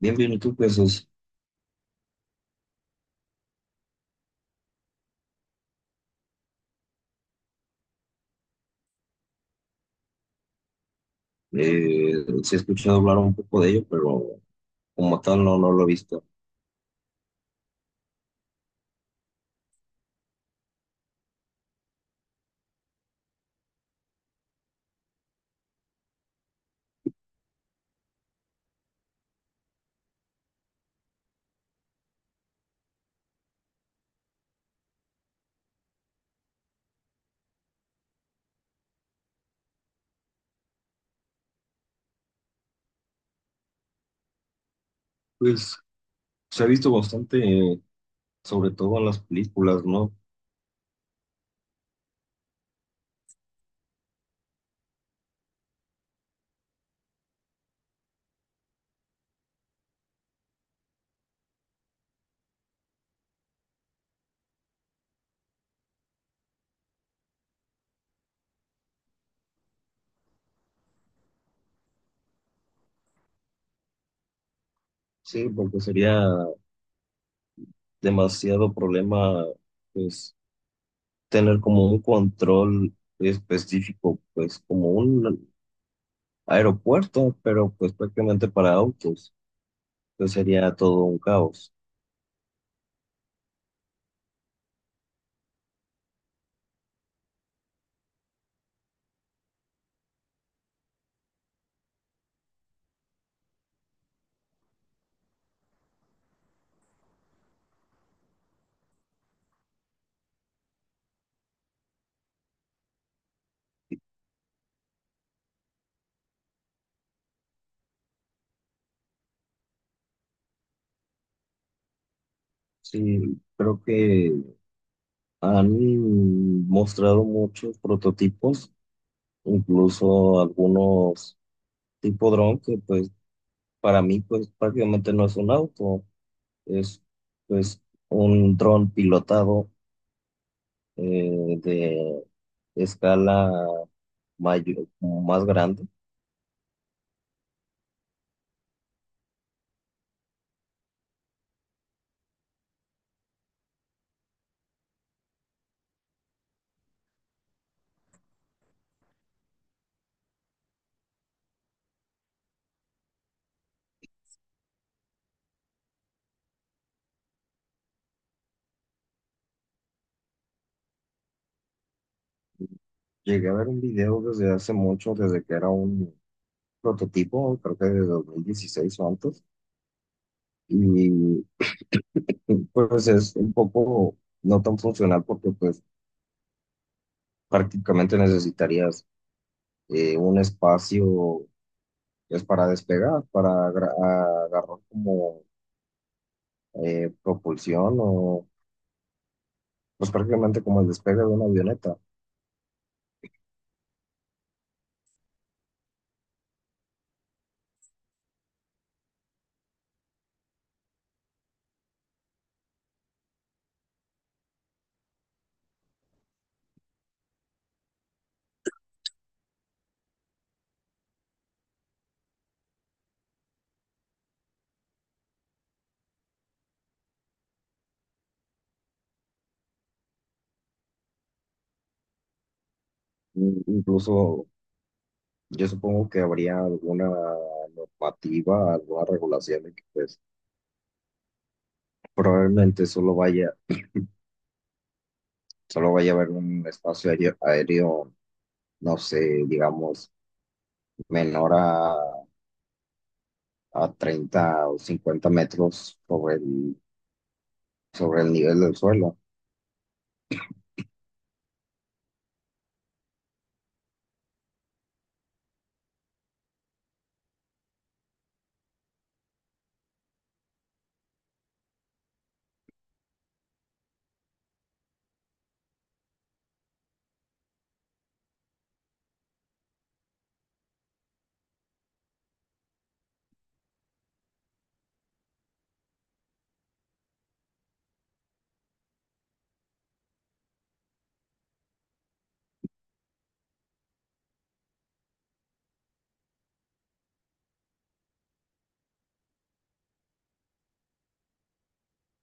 Bien, bien, y tú pues es, eh, sí, he escuchado hablar un poco de ello, pero como tal no, no lo he visto. Pues se ha visto bastante, sobre todo en las películas, ¿no? Sí, porque sería demasiado problema, pues, tener como un control específico, pues, como un aeropuerto, pero pues prácticamente para autos, pues sería todo un caos. Sí, creo que han mostrado muchos prototipos, incluso algunos tipo dron, que pues para mí pues prácticamente no es un auto, es pues un dron pilotado, de escala mayor, más grande. Llegué a ver un video desde hace mucho, desde que era un prototipo, creo que de 2016 o antes, y pues es un poco no tan funcional, porque pues prácticamente necesitarías un espacio pues para despegar, para agarrar como propulsión, o pues prácticamente como el despegue de una avioneta. Incluso yo supongo que habría alguna normativa, alguna regulación de que pues probablemente solo vaya a haber un espacio aéreo, no sé, digamos, menor a, 30 o 50 metros sobre sobre el nivel del suelo.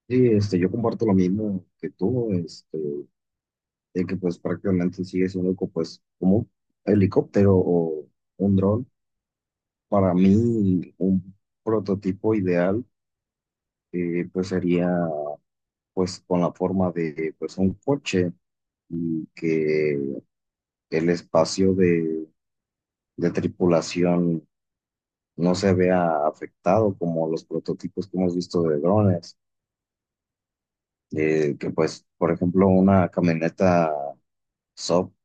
Sí, este, yo comparto lo mismo que tú, este, de que pues prácticamente sigue siendo pues como un helicóptero o un dron. Para mí un prototipo ideal, pues sería pues con la forma de pues un coche, y que el espacio de tripulación no se vea afectado como los prototipos que hemos visto de drones. Que pues por ejemplo una camioneta SOP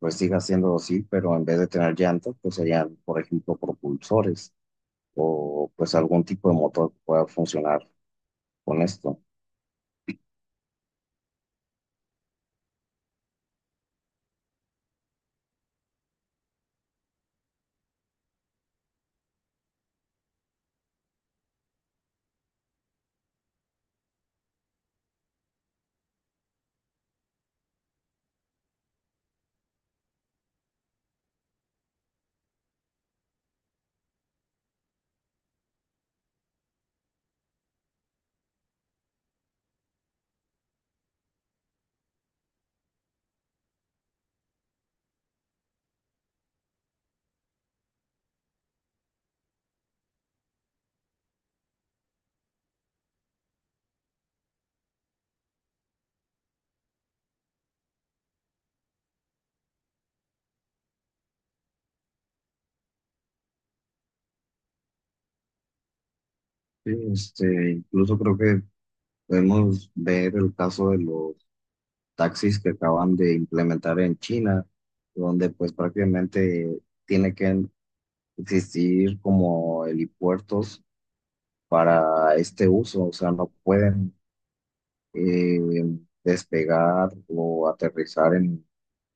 pues siga siendo así, pero en vez de tener llantas pues serían por ejemplo propulsores. Pues algún tipo de motor que pueda funcionar con esto. Sí, este, incluso creo que podemos ver el caso de los taxis que acaban de implementar en China, donde pues prácticamente tiene que existir como helipuertos para este uso, o sea, no pueden eh, despegar o aterrizar en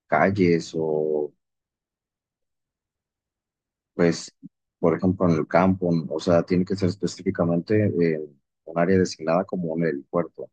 calles, o pues, por ejemplo, en el campo, ¿no? O sea, tiene que ser específicamente un área designada como en el puerto.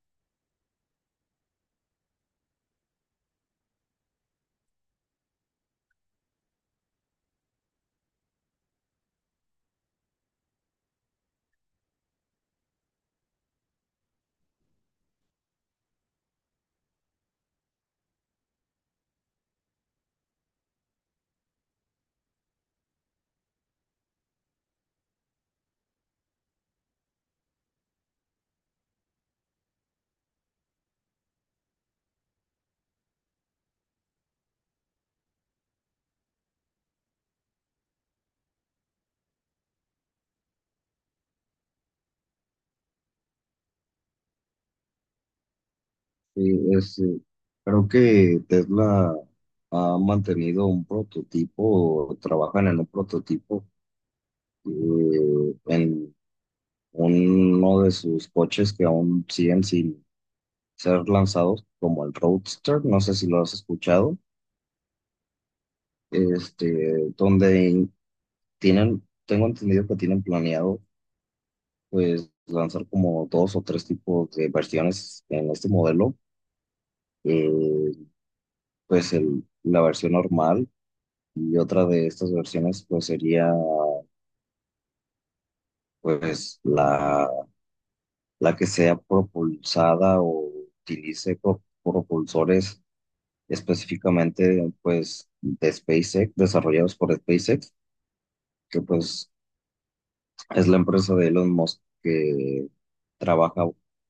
Y es, creo que Tesla ha mantenido un prototipo, o trabajan en un prototipo en uno de sus coches que aún siguen sin ser lanzados, como el Roadster, no sé si lo has escuchado. Este, donde tienen, tengo entendido que tienen planeado pues lanzar como dos o tres tipos de versiones en este modelo, eh, pues el, la versión normal, y otra de estas versiones pues sería pues la que sea propulsada o utilice propulsores, específicamente pues de SpaceX, desarrollados por SpaceX, que pues es la empresa de Elon Musk, que trabaja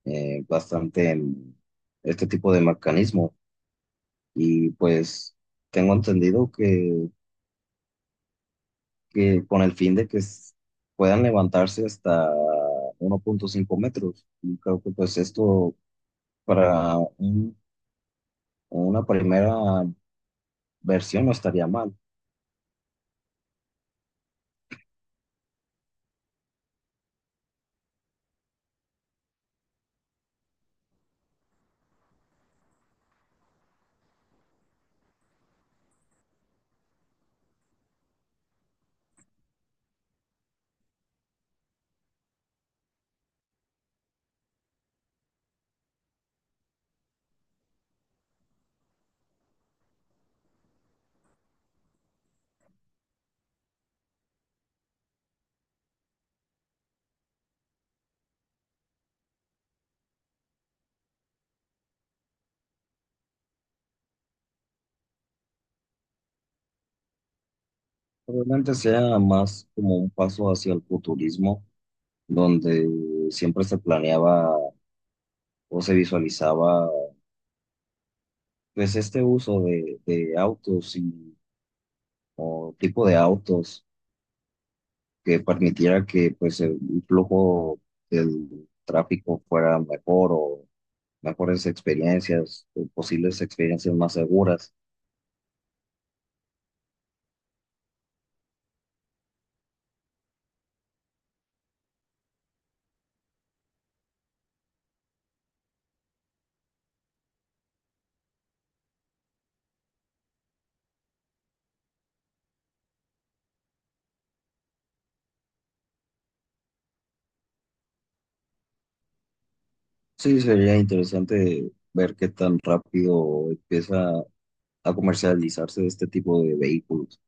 bastante en este tipo de mecanismo. Y pues tengo entendido que con el fin de que puedan levantarse hasta 1.5 metros. Y creo que pues esto para una primera versión no estaría mal. Probablemente sea más como un paso hacia el futurismo, donde siempre se planeaba o se visualizaba pues este uso de autos, y o tipo de autos que permitiera que pues el flujo del tráfico fuera mejor, o mejores experiencias, o posibles experiencias más seguras. Sí, sería interesante ver qué tan rápido empieza a comercializarse este tipo de vehículos.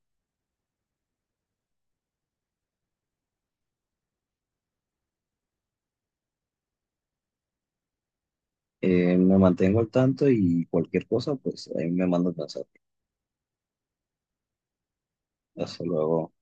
Me mantengo al tanto y cualquier cosa, pues ahí me mandas mensaje. Hasta luego.